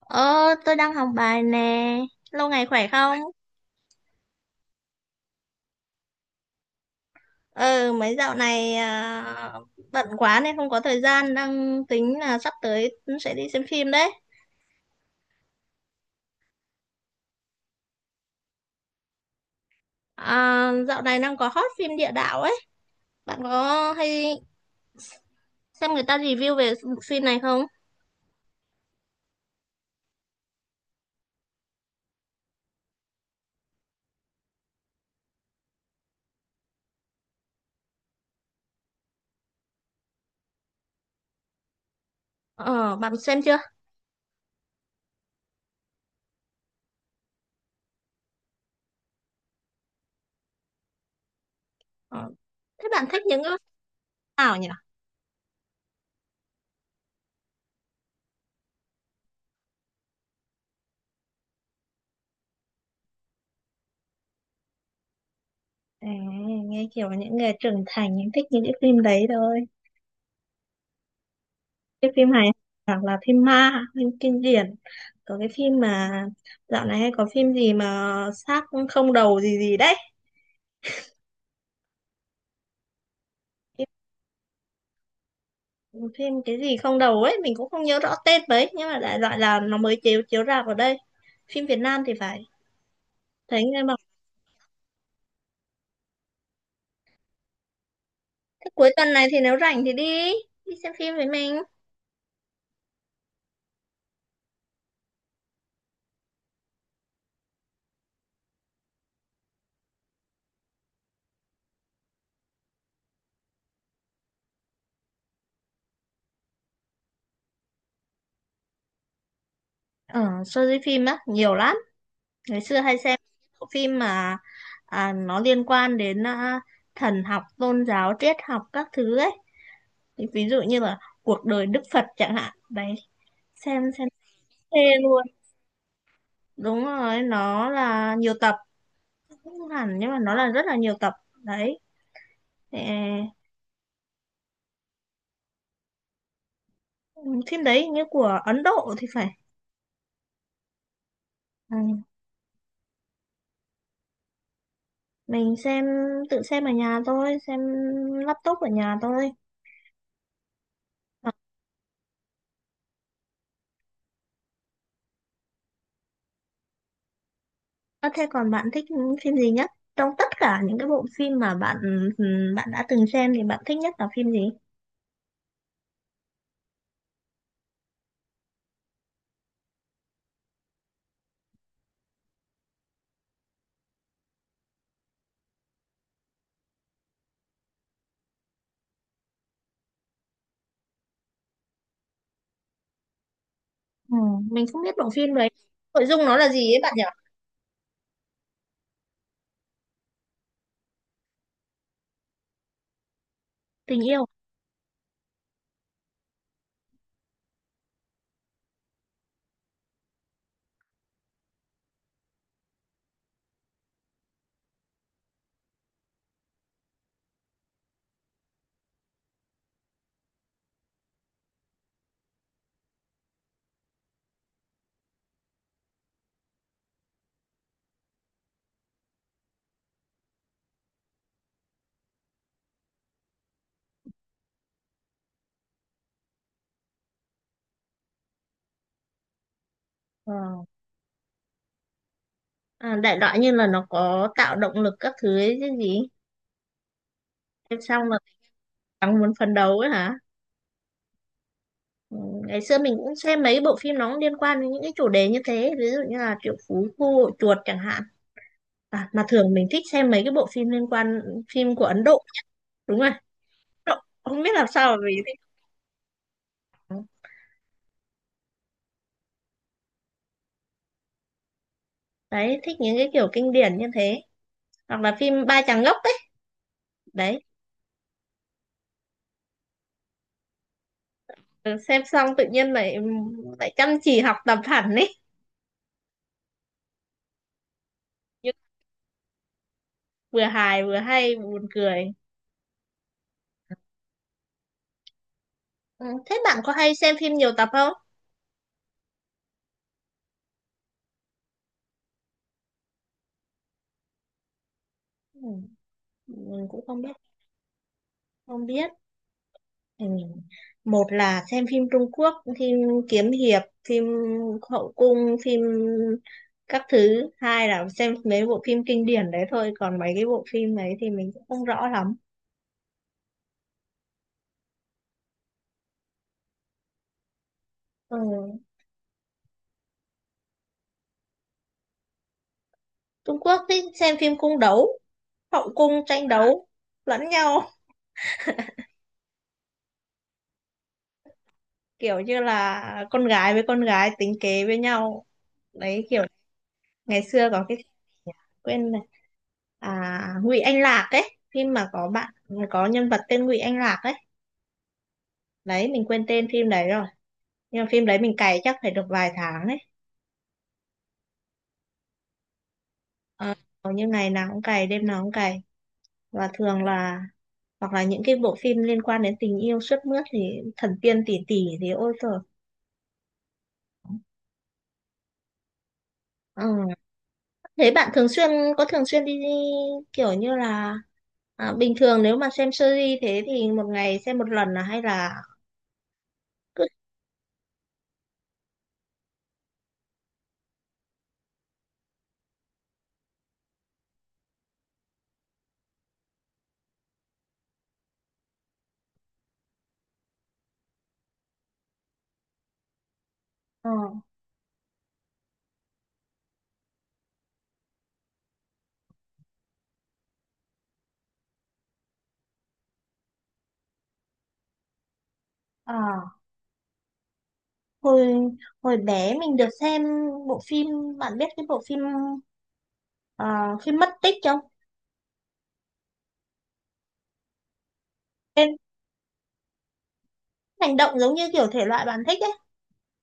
Ờ, tôi đang học bài nè. Lâu ngày khỏe không? Ừ, mấy dạo này bận quá nên không có thời gian. Đang tính là sắp tới sẽ đi xem phim đấy. À, dạo này đang có hot phim địa đạo ấy. Bạn có hay xem người ta review về bộ phim này không? Ờ, bạn xem chưa? Ờ, thế bạn thích những cái phim nào nhỉ? À, nghe kiểu những người trưởng thành những thích những cái phim đấy thôi. Cái phim hài hoặc là phim ma, phim kinh điển. Có cái phim mà dạo này hay có phim gì mà xác không đầu gì gì đấy. Cái phim cái gì không đầu ấy mình cũng không nhớ rõ tên mấy, nhưng mà đại loại là nó mới chiếu chiếu rạp ở đây, phim Việt Nam thì phải. Thấy nghe bảo thế. Cuối tuần này thì nếu rảnh thì đi đi xem phim với mình. Ở show đi phim á nhiều lắm. Ngày xưa hay xem bộ phim mà nó liên quan đến thần học, tôn giáo, triết học các thứ ấy. Thì ví dụ như là cuộc đời Đức Phật chẳng hạn đấy. Xem phê luôn. Đúng rồi, nó là nhiều tập. Không hẳn, nhưng mà nó là rất là nhiều tập đấy. Ờ, phim đấy như của Ấn Độ thì phải. Ừ, mình xem, tự xem ở nhà thôi, xem laptop ở nhà thôi. Ờ, thế còn bạn thích phim gì nhất trong tất cả những cái bộ phim mà bạn, ừ, bạn đã từng xem thì bạn thích nhất là phim gì? Ừ, mình không biết bộ phim đấy. Nội dung nó là gì ấy bạn nhỉ? Tình yêu. Ờ. À, đại loại như là nó có tạo động lực các thứ ấy chứ gì? Em xong là càng muốn phấn đấu ấy hả? Ừ, ngày xưa mình cũng xem mấy bộ phim nó cũng liên quan đến những cái chủ đề như thế, ví dụ như là Triệu Phú Khu Hội Chuột chẳng hạn. À, mà thường mình thích xem mấy cái bộ phim liên quan phim của Ấn Độ. Đúng rồi, Ấn Độ. Không biết làm sao mà mình thích. Đấy, thích những cái kiểu kinh điển như thế, hoặc là phim Ba Chàng Ngốc ấy. Đấy. Ừ, xem xong tự nhiên lại lại chăm chỉ học tập hẳn ấy. Nhưng vừa hài vừa hay, buồn cười. Ừ, thế bạn có hay xem phim nhiều tập không? Ừ, mình cũng không biết, không biết. Ừ. Một là xem phim Trung Quốc, phim kiếm hiệp, phim hậu cung, phim các thứ. Hai là xem mấy bộ phim kinh điển đấy thôi. Còn mấy cái bộ phim đấy thì mình cũng không rõ lắm. Ừ. Trung Quốc thì xem phim cung đấu, hậu cung tranh đấu lẫn nhau. Kiểu như là con gái với con gái tính kế với nhau. Đấy, kiểu ngày xưa có cái quên này, à, Ngụy Anh Lạc ấy, phim mà có bạn, có nhân vật tên Ngụy Anh Lạc ấy. Đấy, mình quên tên phim đấy rồi, nhưng mà phim đấy mình cày chắc phải được vài tháng đấy. Ờ, hầu như ngày nào cũng cày, đêm nào cũng cày. Và thường là hoặc là những cái bộ phim liên quan đến tình yêu sướt mướt thì thần tiên tỷ tỷ thì ôi trời. Ừ. Thế bạn thường xuyên có thường xuyên đi kiểu như là, à, bình thường nếu mà xem series thế thì một ngày xem một lần là hay là cứ. Ờ. Ờ, hồi hồi bé mình được xem bộ phim, bạn biết cái bộ phim ờ, phim mất tích không? Cái hành động giống như kiểu thể loại bạn thích ấy,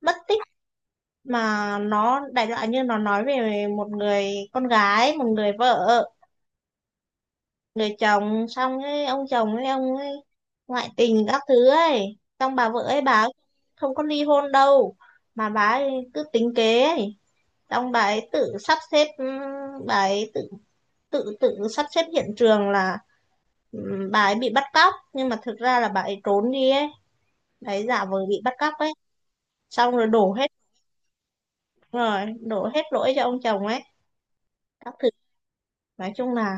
mất tích, mà nó đại loại như nó nói về một người con gái, một người vợ, người chồng, xong ấy, ông chồng ấy, ông ấy ngoại tình các thứ ấy. Xong bà vợ ấy bà ấy không có ly hôn đâu, mà bà ấy cứ tính kế ấy. Xong bà ấy tự sắp xếp, ừ, bà ấy tự tự tự sắp xếp hiện trường là, ừ, bà ấy bị bắt cóc nhưng mà thực ra là bà ấy trốn đi ấy, bà ấy giả vờ bị bắt cóc ấy, xong rồi đổ hết lỗi cho ông chồng ấy, các thứ. Nói chung là,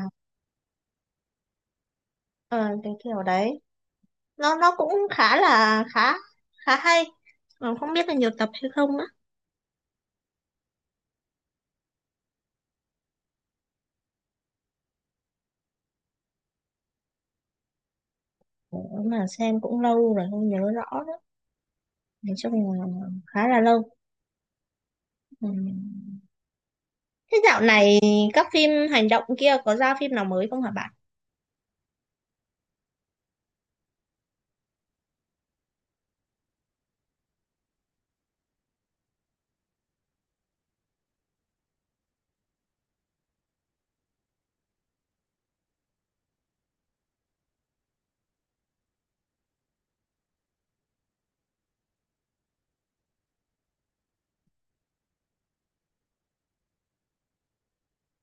ờ, cái kiểu đấy nó cũng khá khá hay. Ờ, không biết là nhiều tập hay không nữa. Ủa, mà xem cũng lâu rồi không nhớ rõ nữa. Nói chung là khá là lâu. Ừ. Thế dạo này các phim hành động kia có ra phim nào mới không hả bạn?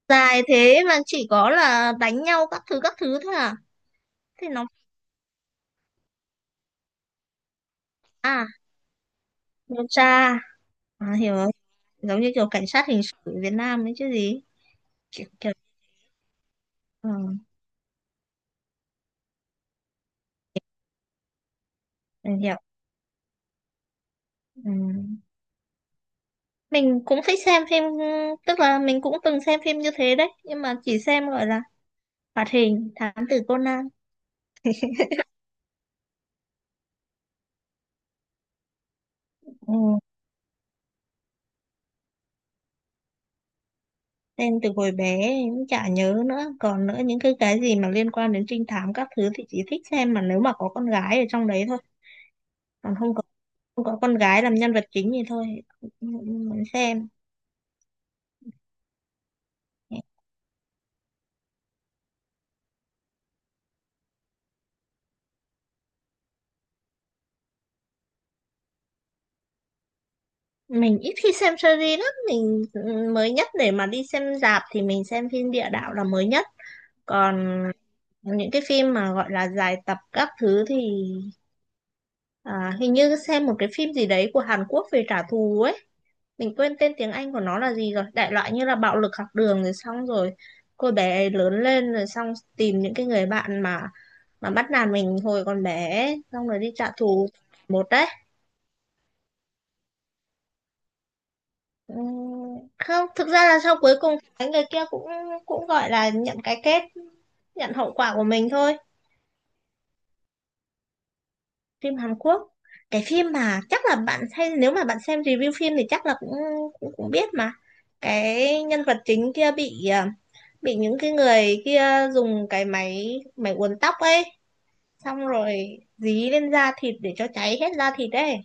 Dài thế mà chỉ có là đánh nhau các thứ thôi à? Thế nó, à, điều tra. À, hiểu rồi. Giống như kiểu cảnh sát hình sự ở Việt Nam đấy chứ gì? Kiểu, kiểu, ừ, mình hiểu. Ừ. Mình cũng thích xem phim, tức là mình cũng từng xem phim như thế đấy, nhưng mà chỉ xem gọi là hoạt hình Thám tử Conan. Ừ. Xem từ hồi bé cũng chả nhớ nữa. Còn nữa những cái gì mà liên quan đến trinh thám các thứ thì chỉ thích xem mà nếu mà có con gái ở trong đấy thôi. Còn không có, không có con gái làm nhân vật chính thì thôi, không không muốn xem. Mình ít khi xem series lắm, mình, ừ, mới nhất để mà đi xem rạp thì mình xem phim địa đạo là mới nhất. Còn những cái phim mà gọi là dài tập các thứ thì, à, hình như xem một cái phim gì đấy của Hàn Quốc về trả thù ấy. Mình quên tên tiếng Anh của nó là gì rồi, đại loại như là bạo lực học đường, rồi xong rồi cô bé ấy lớn lên rồi xong tìm những cái người bạn mà bắt nạt mình hồi còn bé ấy, xong rồi đi trả thù. Một đấy. Ừm, không, thực ra là sau cuối cùng cái người kia cũng cũng gọi là nhận cái kết, nhận hậu quả của mình thôi. Phim Hàn Quốc. Cái phim mà chắc là bạn xem, nếu mà bạn xem review phim thì chắc là cũng cũng, cũng biết mà. Cái nhân vật chính kia bị, à, bị những cái người kia dùng cái máy máy uốn tóc ấy, xong rồi dí lên da thịt để cho cháy hết da thịt ấy.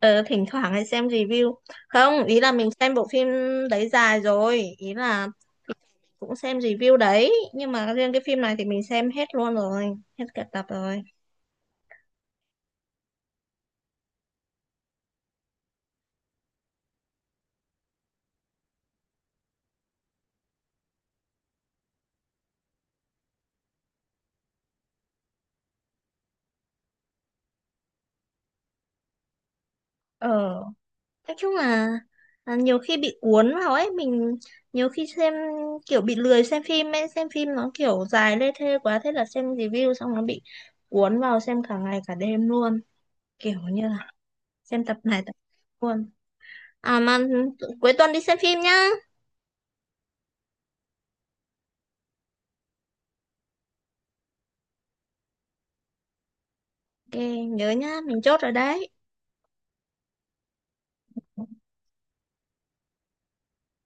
Ờ, thỉnh thoảng hay xem review. Không, ý là mình xem bộ phim đấy dài rồi, ý là cũng xem review đấy, nhưng mà riêng cái phim này thì mình xem hết luôn rồi, hết cả tập rồi. Ờ, nói chung là nhiều khi bị cuốn vào ấy. Mình nhiều khi xem kiểu bị lười xem phim ấy, xem phim nó kiểu dài lê thê quá, thế là xem review xong nó bị cuốn vào xem cả ngày cả đêm luôn. Kiểu như là xem tập này tập khác luôn. À mà, ừ, cuối tuần đi xem phim nhá. Ok. Nhớ nhá, mình chốt rồi đấy.